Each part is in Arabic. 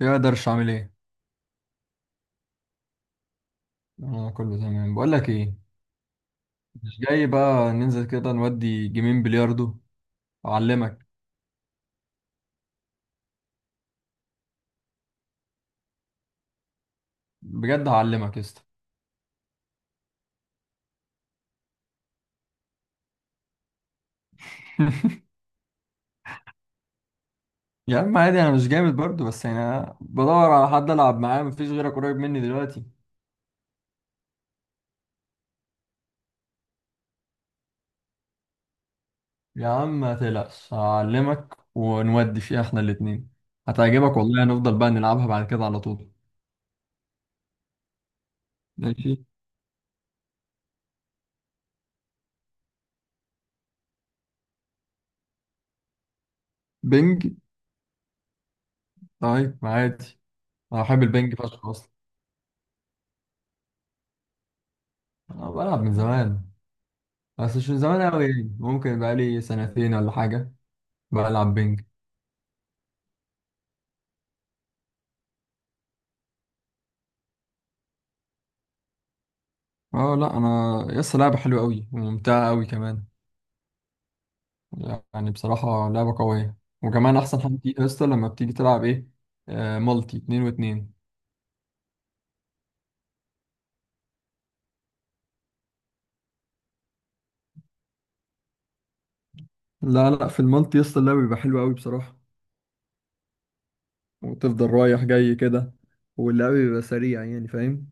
يا درش عامل ايه؟ انا كله تمام، بقول لك ايه. مش جاي بقى ننزل كده نودي جيمين بلياردو؟ اعلمك. بجد هعلمك يا اسطى. يا عم عادي، انا مش جامد برضو، بس يعني انا بدور على حد العب معاه، مفيش غيرك قريب مني دلوقتي. يا عم ما تقلقش هعلمك ونودي فيها احنا الاتنين. هتعجبك والله، هنفضل بقى نلعبها بعد كده على طول. ماشي. بنج؟ طيب عادي. انا بحب البنج فشخ اصلا. انا بلعب من زمان، بس مش من زمان قوي، يعني ممكن بقالي سنتين ولا حاجة. بلعب بينج. اه لا انا يس، لعبة حلوة قوي وممتعة قوي كمان. يعني بصراحة لعبة قوية. وكمان احسن حاجة فيها يس لما بتيجي تلعب ايه. آه مالتي اتنين واتنين. لا لا في المالتي يس اللعب بيبقى حلو قوي بصراحة. وتفضل رايح جاي كده. واللعب بيبقى سريع، يعني فاهم.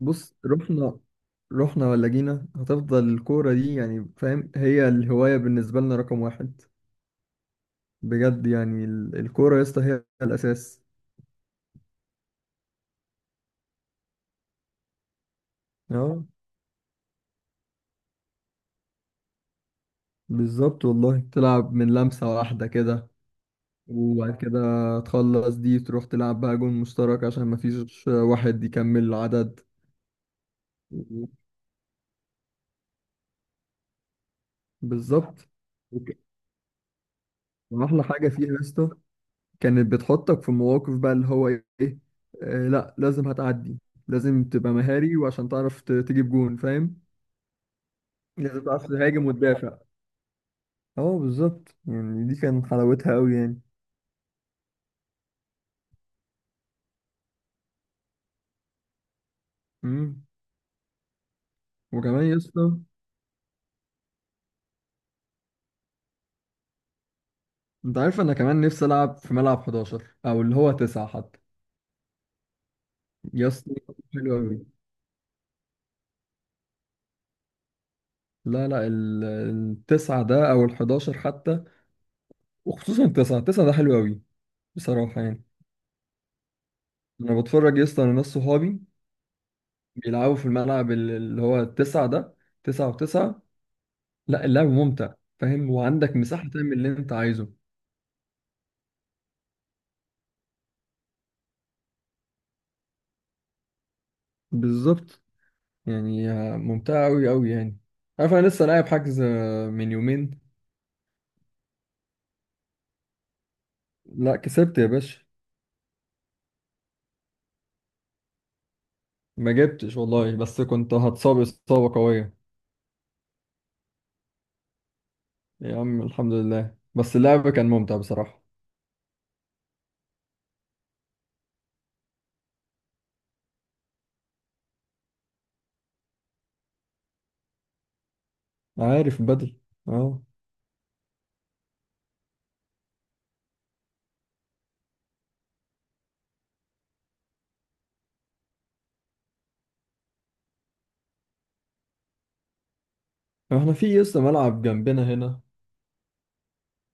بص رحنا. رحنا ولا جينا هتفضل الكورة دي، يعني فاهم، هي الهواية بالنسبة لنا رقم واحد. بجد يعني الكورة يا اسطى هي الأساس. اه بالظبط والله، تلعب من لمسة واحدة كده. وبعد كده تخلص دي تروح تلعب بقى جون مشترك عشان مفيش واحد يكمل العدد. بالظبط. وك- وأحلى حاجة فيها يا اسطى كانت بتحطك في مواقف بقى اللي هو إيه. آه لا لازم هتعدي. لازم تبقى مهاري وعشان تعرف تجيب جون، فاهم. لازم تعرف تهاجم وتدافع. اه بالظبط، يعني دي كان حلاوتها أوي يعني. امم وكمان يا اسطى، انت عارف انا كمان نفسي العب في ملعب 11 او اللي هو 9 حتى. يا اسطى حلو قوي. لا لا التسعة ده او ال11 حتى. وخصوصا التسعة، ده حلو قوي بصراحة يعني. انا بتفرج يا اسطى على ناس صحابي بيلعبوا في الملعب اللي هو التسعة ده. تسعة وتسعة. لا اللعب ممتع، فاهم، وعندك مساحة تعمل اللي انت عايزه. بالظبط يعني، ممتعة قوي قوي يعني. عارف انا لسه لاعب حجز من يومين. لا كسبت يا باشا. ما جبتش والله، بس كنت هتصاب إصابة قوية. يا عم الحمد لله، بس اللعب كان ممتع بصراحة. عارف بدل. اه احنا في لسه ملعب جنبنا هنا.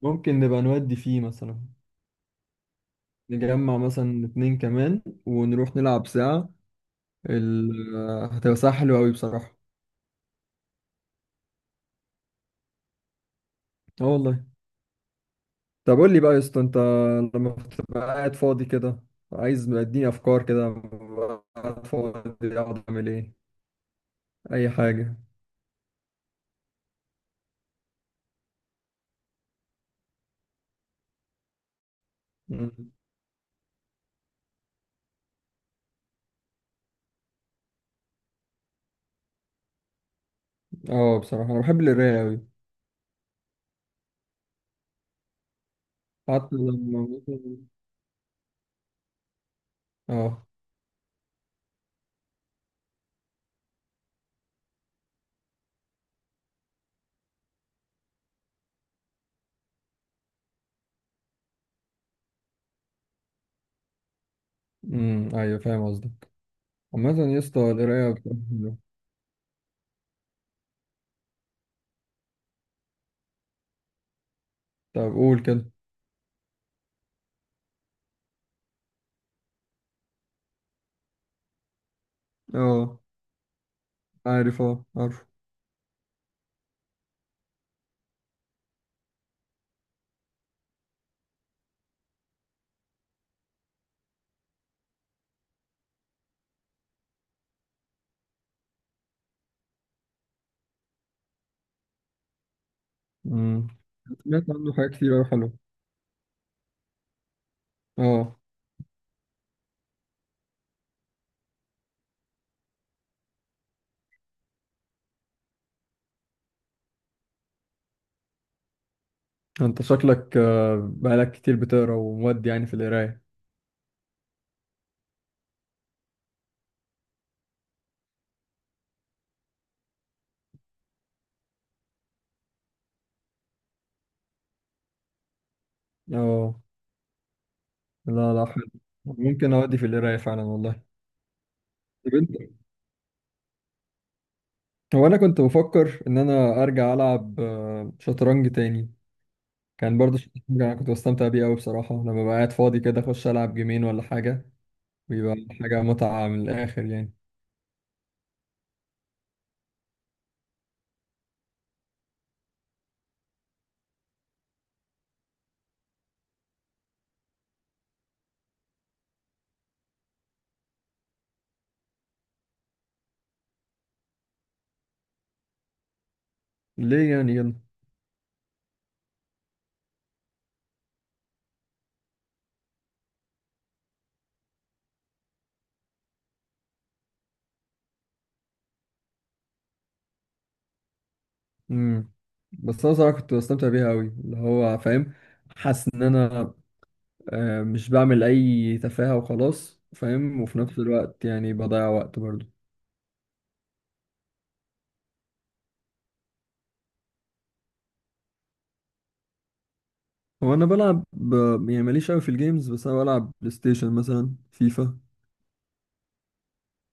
ممكن نبقى نودي فيه مثلا. نجمع مثلا اتنين كمان ونروح نلعب ساعة. ال... آه، هتبقى ساعة حلوة أوي بصراحة. اه والله. طب قول لي بقى يا اسطى انت، لما بتبقى قاعد فاضي كده، عايز اديني افكار كده، ببقى قاعد فاضي اقعد اعمل ايه؟ اي حاجة. مم. اه بصراحة انا بحب القراية أوي. حتى لما مثلا. اه. امم، ايوه فاهم قصدك. عامة يا اسطى القراية بتبقى حلوة. طب قول كده. اه عارف، اه عارف. امم. سمعت عنه حاجات كتير اوي حلوة. اه. انت شكلك بقالك كتير بتقرا ومودي يعني في القراية. اه لا لا حلو، ممكن اودي في القراية فعلا والله. طب انت؟ هو انا كنت بفكر ان انا ارجع العب شطرنج تاني. كان برضه شطرنج انا كنت بستمتع بيه قوي بصراحة، لما ببقى قاعد فاضي كده اخش العب جيمين ولا حاجة. بيبقى حاجة متعة من الآخر يعني. ليه يعني يلا. مم. بس أنا صراحة كنت بستمتع بيها أوي، اللي هو فاهم، حاسس إن أنا مش بعمل أي تفاهة وخلاص، فاهم، وفي نفس الوقت يعني بضيع وقت برضه. هو أنا بلعب يعني ماليش أوي في الجيمز، بس أنا بلعب بلاي ستيشن مثلا فيفا.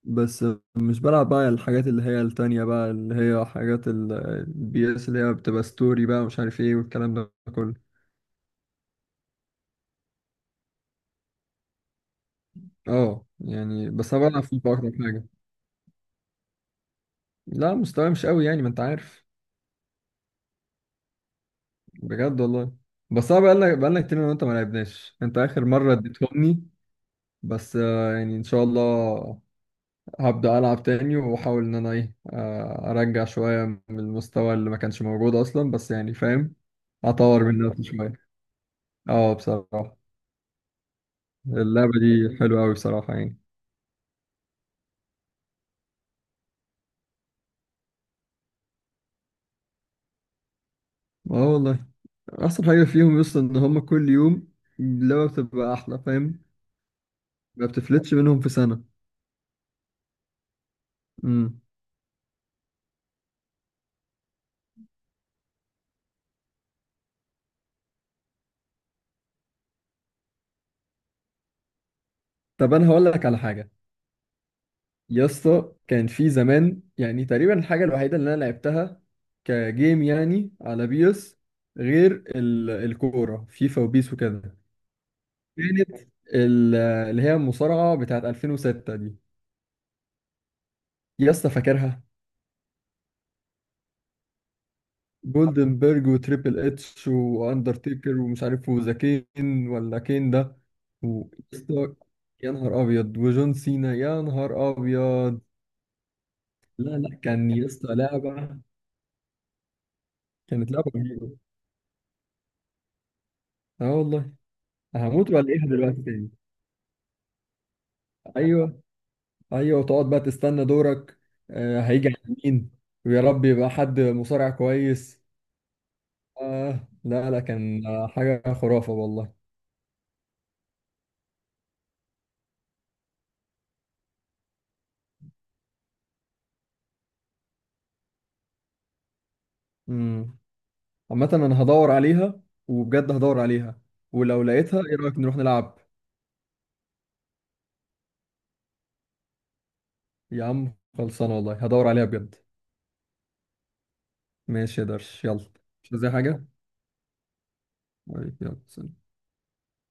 بس مش بلعب بقى الحاجات اللي هي التانية بقى، اللي هي حاجات البي اس اللي هي بتبقى ستوري بقى مش عارف ايه والكلام ده كله. اه يعني، بس انا بلعب فيفا اكتر حاجة. لا مستواي مش قوي يعني، ما انت عارف. بجد والله. بس انا بقالنا كتير انا وانت ما لعبناش، انت اخر مره اديتهمني. بس يعني ان شاء الله هبدا العب تاني واحاول ان انا ايه، ارجع شويه من المستوى اللي ما كانش موجود اصلا، بس يعني فاهم، اطور من نفسي شويه. اه بصراحه، اللعبه دي حلوه قوي بصراحه يعني. اه والله، احسن حاجه فيهم يوصل ان هم كل يوم اللعبه بتبقى احلى، فاهم. ما بتفلتش منهم في سنه. امم. طب انا هقول لك على حاجه. يا اسطى كان في زمان، يعني تقريبا الحاجة الوحيدة اللي أنا لعبتها كجيم يعني على بيس، غير الكورة فيفا وبيس وكده، كانت ال- اللي هي المصارعة بتاعت 2006 دي. يا اسطى فاكرها. جولدنبرج وتريبل اتش واندرتيكر ومش عارف وذا كين ولا كين ده. و- يا اسطى، يا نهار ابيض، وجون سينا، يا نهار ابيض. لا لا كان يا اسطى لعبة، كانت لعبة رهيبة. اه والله. هموت ولا ايه دلوقتي تاني. ايوه. ايوه تقعد بقى تستنى دورك. آه هيجي على مين. ويا رب يبقى حد مصارع كويس. آه لا لا كان حاجه خرافه والله. امم. عامه انا هدور عليها. وبجد هدور عليها. ولو لقيتها ايه رايك نروح نلعب. يا عم خلصانه والله، هدور عليها بجد. ماشي يا درش، يلا. مش زي حاجه. طيب، يلا سلام.